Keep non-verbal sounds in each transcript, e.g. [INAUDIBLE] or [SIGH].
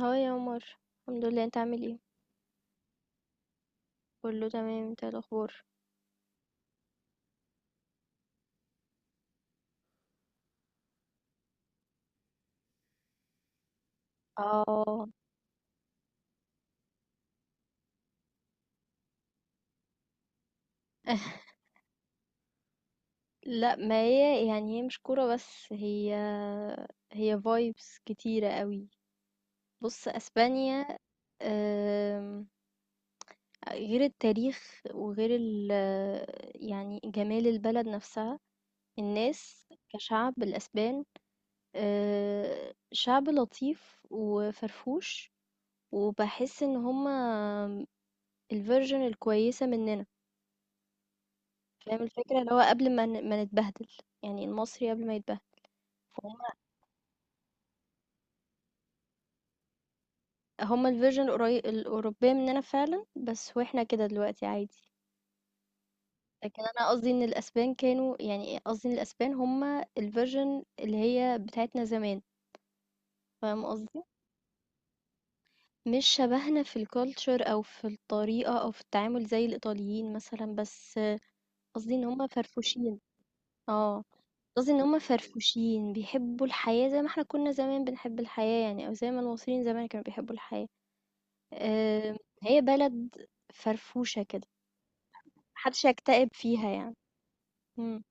هو يا عمر. الحمد لله، انت عامل ايه؟ كله تمام. انت ايه الاخبار؟ اه. [LAUGHS] لا ما هي هي مش كوره بس هي فايبس كتيره قوي. بص اسبانيا، آم، غير التاريخ وغير ال جمال البلد نفسها، الناس، كشعب الاسبان. شعب لطيف وفرفوش، وبحس ان هما الفيرجن الكويسه مننا. فاهم الفكرة؟ اللي هو قبل ما نتبهدل، يعني المصري قبل ما يتبهدل. فهُم، هُم الversion القري الأوروبية مننا فعلًا، بس وإحنا كده دلوقتي عادي. لكن أنا قصدي إن الأسبان كانوا، يعني قصدي إن الأسبان هُم الversion اللي هي بتاعتنا زمان. فاهم قصدي؟ مش شبهنا في الculture أو في الطريقة أو في التعامل زي الإيطاليين مثلًا، بس قصدي إن هُم فرفوشين. آه، قصدي إن هُم فرفوشين، بيحبوا الحياة زي ما إحنا كنا زمان بنحب الحياة يعني، أو زي ما المصريين زمان كانوا بيحبوا الحياة. آه، هي بلد فرفوشة كده، محدش هيكتئب فيها يعني. مم.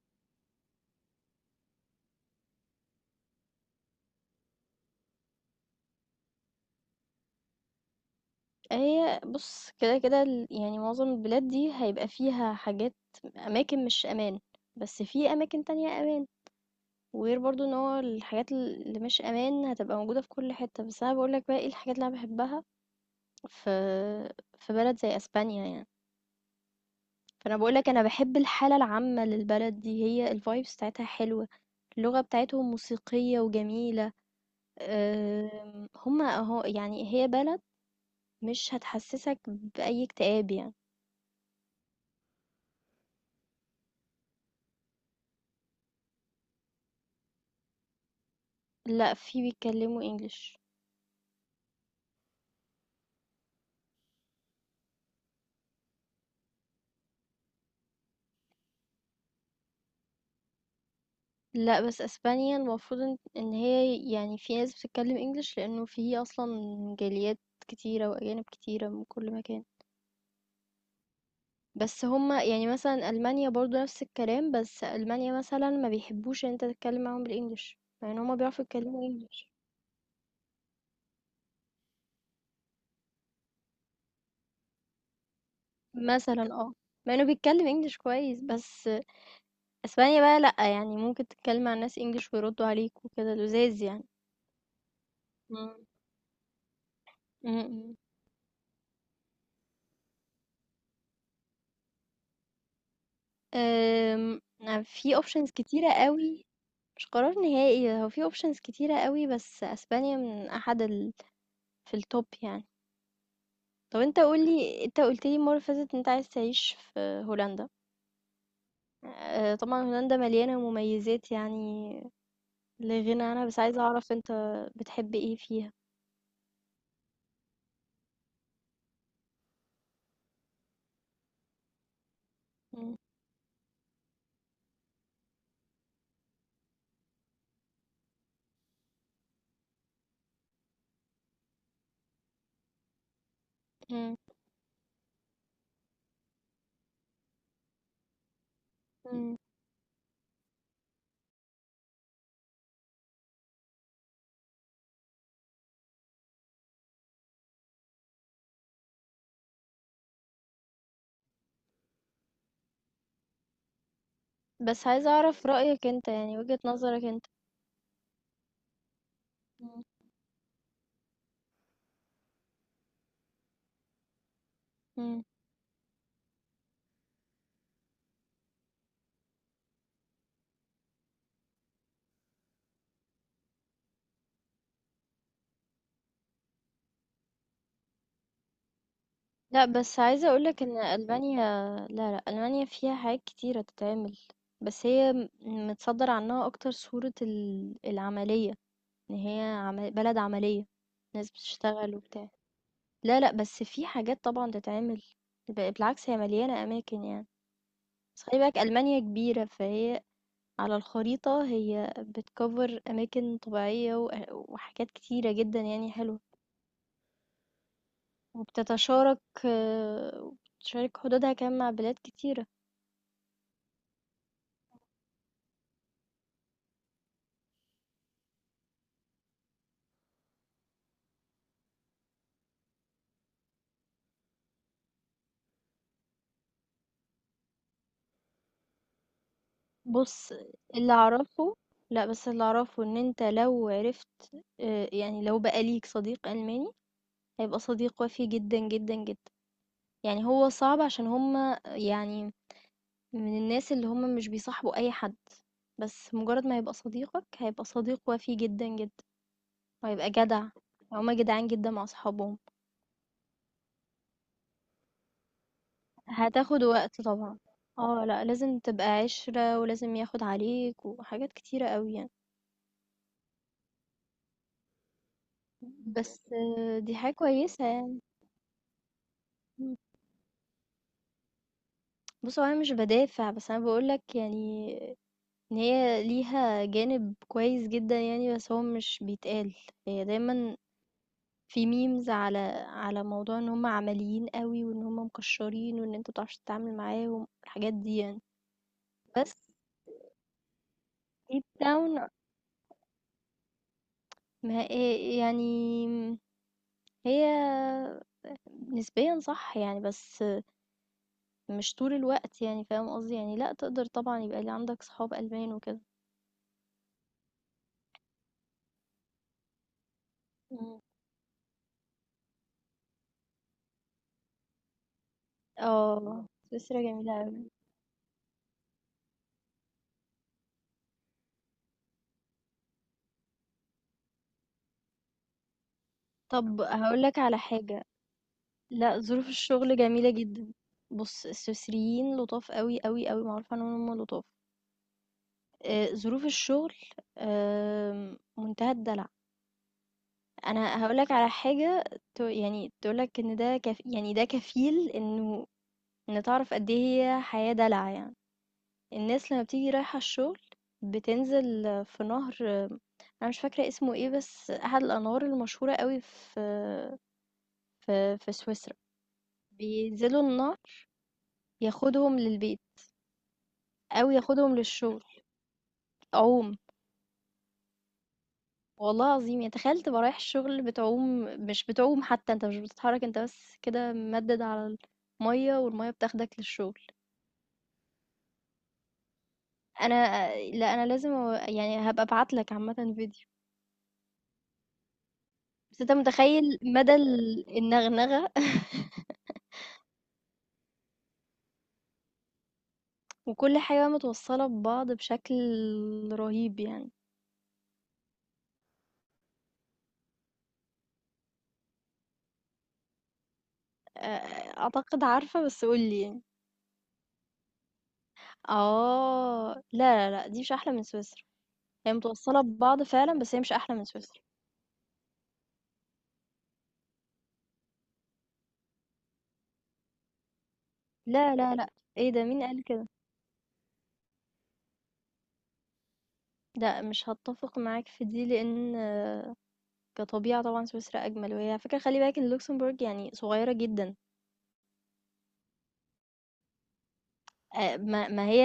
هي بص، يعني معظم البلاد دي هيبقى فيها حاجات، أماكن مش أمان، بس في أماكن تانية أمان. وغير برضو ان هو الحاجات اللي مش أمان هتبقى موجودة في كل حتة، بس أنا بقولك بقى ايه الحاجات اللي أنا بحبها في بلد زي أسبانيا يعني. فأنا بقولك أنا بحب الحالة العامة للبلد دي، هي الفايبس بتاعتها حلوة، اللغة بتاعتهم موسيقية وجميلة. هما اهو، يعني هي بلد مش هتحسسك بأي اكتئاب يعني. لا، في بيتكلموا انجلش. لا بس اسبانيا المفروض إن هي يعني في ناس بتتكلم انجلش، لانه في اصلا جاليات كتيرة واجانب كتيرة من كل مكان. بس هما يعني مثلا المانيا برضو نفس الكلام، بس المانيا مثلا ما بيحبوش ان انت تتكلم معاهم بالانجلش، مع ان هما بيعرفوا يتكلموا انجلش. مثلا اه، مع انه بيتكلم انجلش كويس. بس أسبانيا بقى لأ، يعني ممكن تتكلّمي مع الناس English ويردّوا عليكِ وكده، لُذاذ يعني. إمم. إمم. آمم، في options كتيرة أوي. مش قرار نهائي، هو في options كتيرة أوي، بس أسبانيا من أحد ال، في الtop يعني. طَب أنت قُل لي، أنت قُلت لي المرّة اللي فاتت إن أنت عايز تعيش في هولندا. طبعًا هولندا مليانة مميزات يعني لا غِنى عنها، بس عايزة أعرف أنت بتحب إيه فيها؟ إمم، إمم، إمم، بس عايزة أعرف رأيك أنت، يعني وجهة نظرك أنت. إمم. إمم. لأ، بس عايزة أقول لك إن ألمانيا، لا، لأ، ألمانيا فيها حاجات كتيرة تتعمل. بس هي م، متصدَّر عنها أكتر صورة ال العملية، إن هي عم بلد عملية، ناس بتشتغل وبتاع. لا، لأ، بس في حاجات طبعًا تتعمل، بالعكس هي مليانة أماكن يعني. بس خلّي بالك ألمانيا كبيرة، فهي على الخريطة هي بتcover أماكن طبيعية وحاجات كتيرة جدًا يعني حلوة. وبتتشارك آه، وبتشارك حدودها كمان مع بلاد كتيرة. بُص، اللي أعرفه، لأ، بس اللي أعرفه إن أنت لو عرفت، يعني لو بقى ليك صديق ألماني، هيبقى صديق وَفي جدًا، جدًا، جدًا. يعني هو صعب عشان هُم يعني من الناس اللي هُم مش بيصاحبوا أي حد، بس مجرد ما يبقى صديقك، هيبقى صديق وَفي جدًا، جدًا، وهيبقى جدع. هُم جدعان جدًا مع أصحابهم. هتاخد وقت طبعًا. آه، لأ، لازم تبقى عِشرة ولازم ياخد عليك وحاجات كتيرة أوي يعني. بس آه، دي حاجة كويسة يعني. إمم. بُص، هو أنا مش بادافع، بس أنا باقول لك يعني إن هي ليها جانب كويس جدًا يعني، بس هو مش بيتقال. هي دايمًا في memes على موضوع إن هم عمليين أوي وإن هم مكشّرين وإن أنت ما بتعرفش تتعامل معاهم، الحاجات دي يعني. بس deep down، ما ي يعني هي نسبيًا صح يعني، بس مش طول الوقت يعني، فاهم قصدي؟ يعني لأ، تقدر طبعًا يبقى عندك صحاب ألمان وكده. إمم. آه، سويسرا جميلة أوي. طب هقول لك على حاجة. لا ظروف الشغل جميلة جدا. بص السويسريين لطاف قوي قوي قوي، معروف عنهم هم لطاف. آه، ظروف الشغل، منتهى الدلع. انا هقول لك على حاجة، يعني تقول لك ان ده كف، يعني ده كفيل انه ان تعرف قد ايه هي حياة دلع يعني. الناس لما بتيجي رايحة الشغل بتنزل في نهر. انا مش فاكرة اسمه ايه، بس احد الانهار المشهورة قوي في في سويسرا، بينزلوا النهر، ياخدهم للبيت او ياخدهم للشغل، عوم. والله العظيم يعني، تخيل تبقى رايح الشغل بتعوم، مش بتعوم حتى، انت مش بتتحرك، انت بس كده ممدد على الميه، والميه بتاخدك للشغل. انا لا انا لازم، يعني هبقى ابعتلك عامه فيديو. بس انت متخيل مدى النغنغه. [LAUGHS] وكل حاجه متوصله ببعض بشكل رهيب يعني. أ- اعتقد عارفه، بس قولي يعني. اه لا، دي مش احلى من سويسرا. هي متوصلة ببعض فعلًا، بس هي مش أحلى من سويسرا. لا، لا، لأ، إيه ده، مين قال كده؟ لأ، مش هاتفق معاك في دي، لإن كطبيعة طبعًا سويسرا أجمل، وهي على فكرة خلّي بالِك إن لوكسمبورغ يعني صغيرة جدًا. ما هي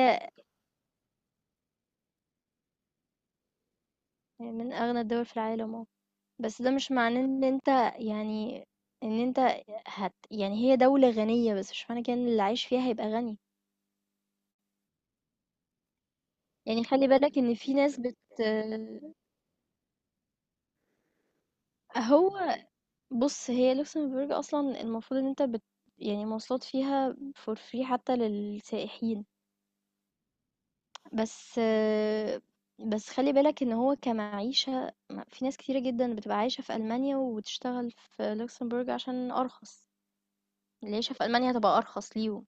من أغنى الدول في العالم آه، بس ده مش معناه إن أنت، يعني إن أنت، يعني هي دولة غنية، بس مش معنى كده إن اللي عايش فيها هيبقى غني. يعني خلّي بالك إن في ناس بت، أهو، بُص، هي لوكسمبورغ أصلًا المفروض إن أنت بت، يعني المواصلات فيها for free حتى للسائحين. بس آه، بس خلِّ بالك إن هو كمعيشة، في ناس كتيرة جدًا بتبقى عايشة في ألمانيا وبتشتغل في لوكسمبورغ عشان أرخص، العيشة في ألمانيا هتبقى أرخص ليهم،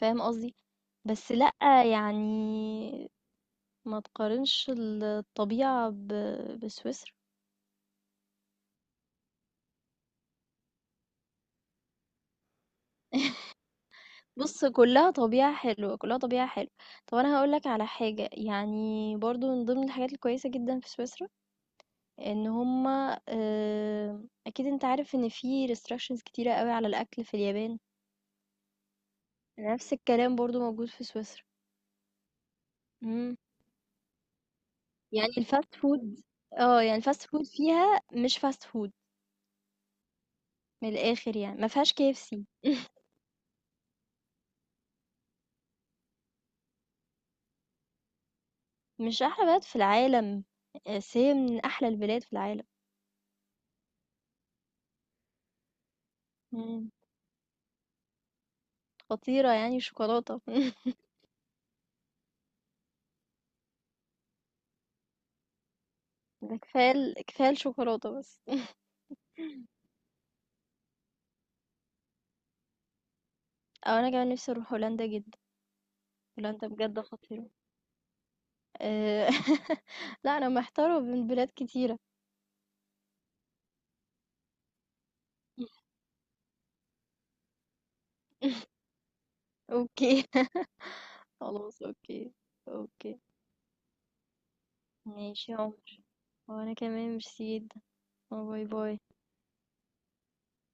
فاهم قصدي؟ بس لأ، يعني ما تقارنش الطبيعة بسويسرا. [LAUGHS] بُص كلّها طبيعة حلوة، كلّها طبيعة حلوة. طب أنا هاقول لك على حاجة، يعني برضه من ضمن الحاجات الكويسة جدًا في سويسرا، إن هُم، أكيد أنت عارف إن في restrictions كتيرة أوي على الأكل في اليابان، نفس الكلام برضه موجود في سويسرا. إمم. يعني الfast food، آه، يعني الfast food فيها مش fast food، من الآخر يعني، ما فيهاش KFC. [LAUGHS] مش أحلى بلد في العالم، آه، بس هي من أحلى البلاد في العالم. إمم، خطيرة يعني شوكولاتة. [LAUGHS] كفاية الشوكولاتة بس. [LAUGHS] او انا كمان نفسي اروح هولندا جدا. هولندا بجد خطيرة. آه، [LAUGHS] لا انا محتارة بين بلاد كتيرة. اوكي. [LAUGHS] خلاص اوكي. اوكي. ماشي يا عمر، وانا كمان ميرسي جدا. باي باي.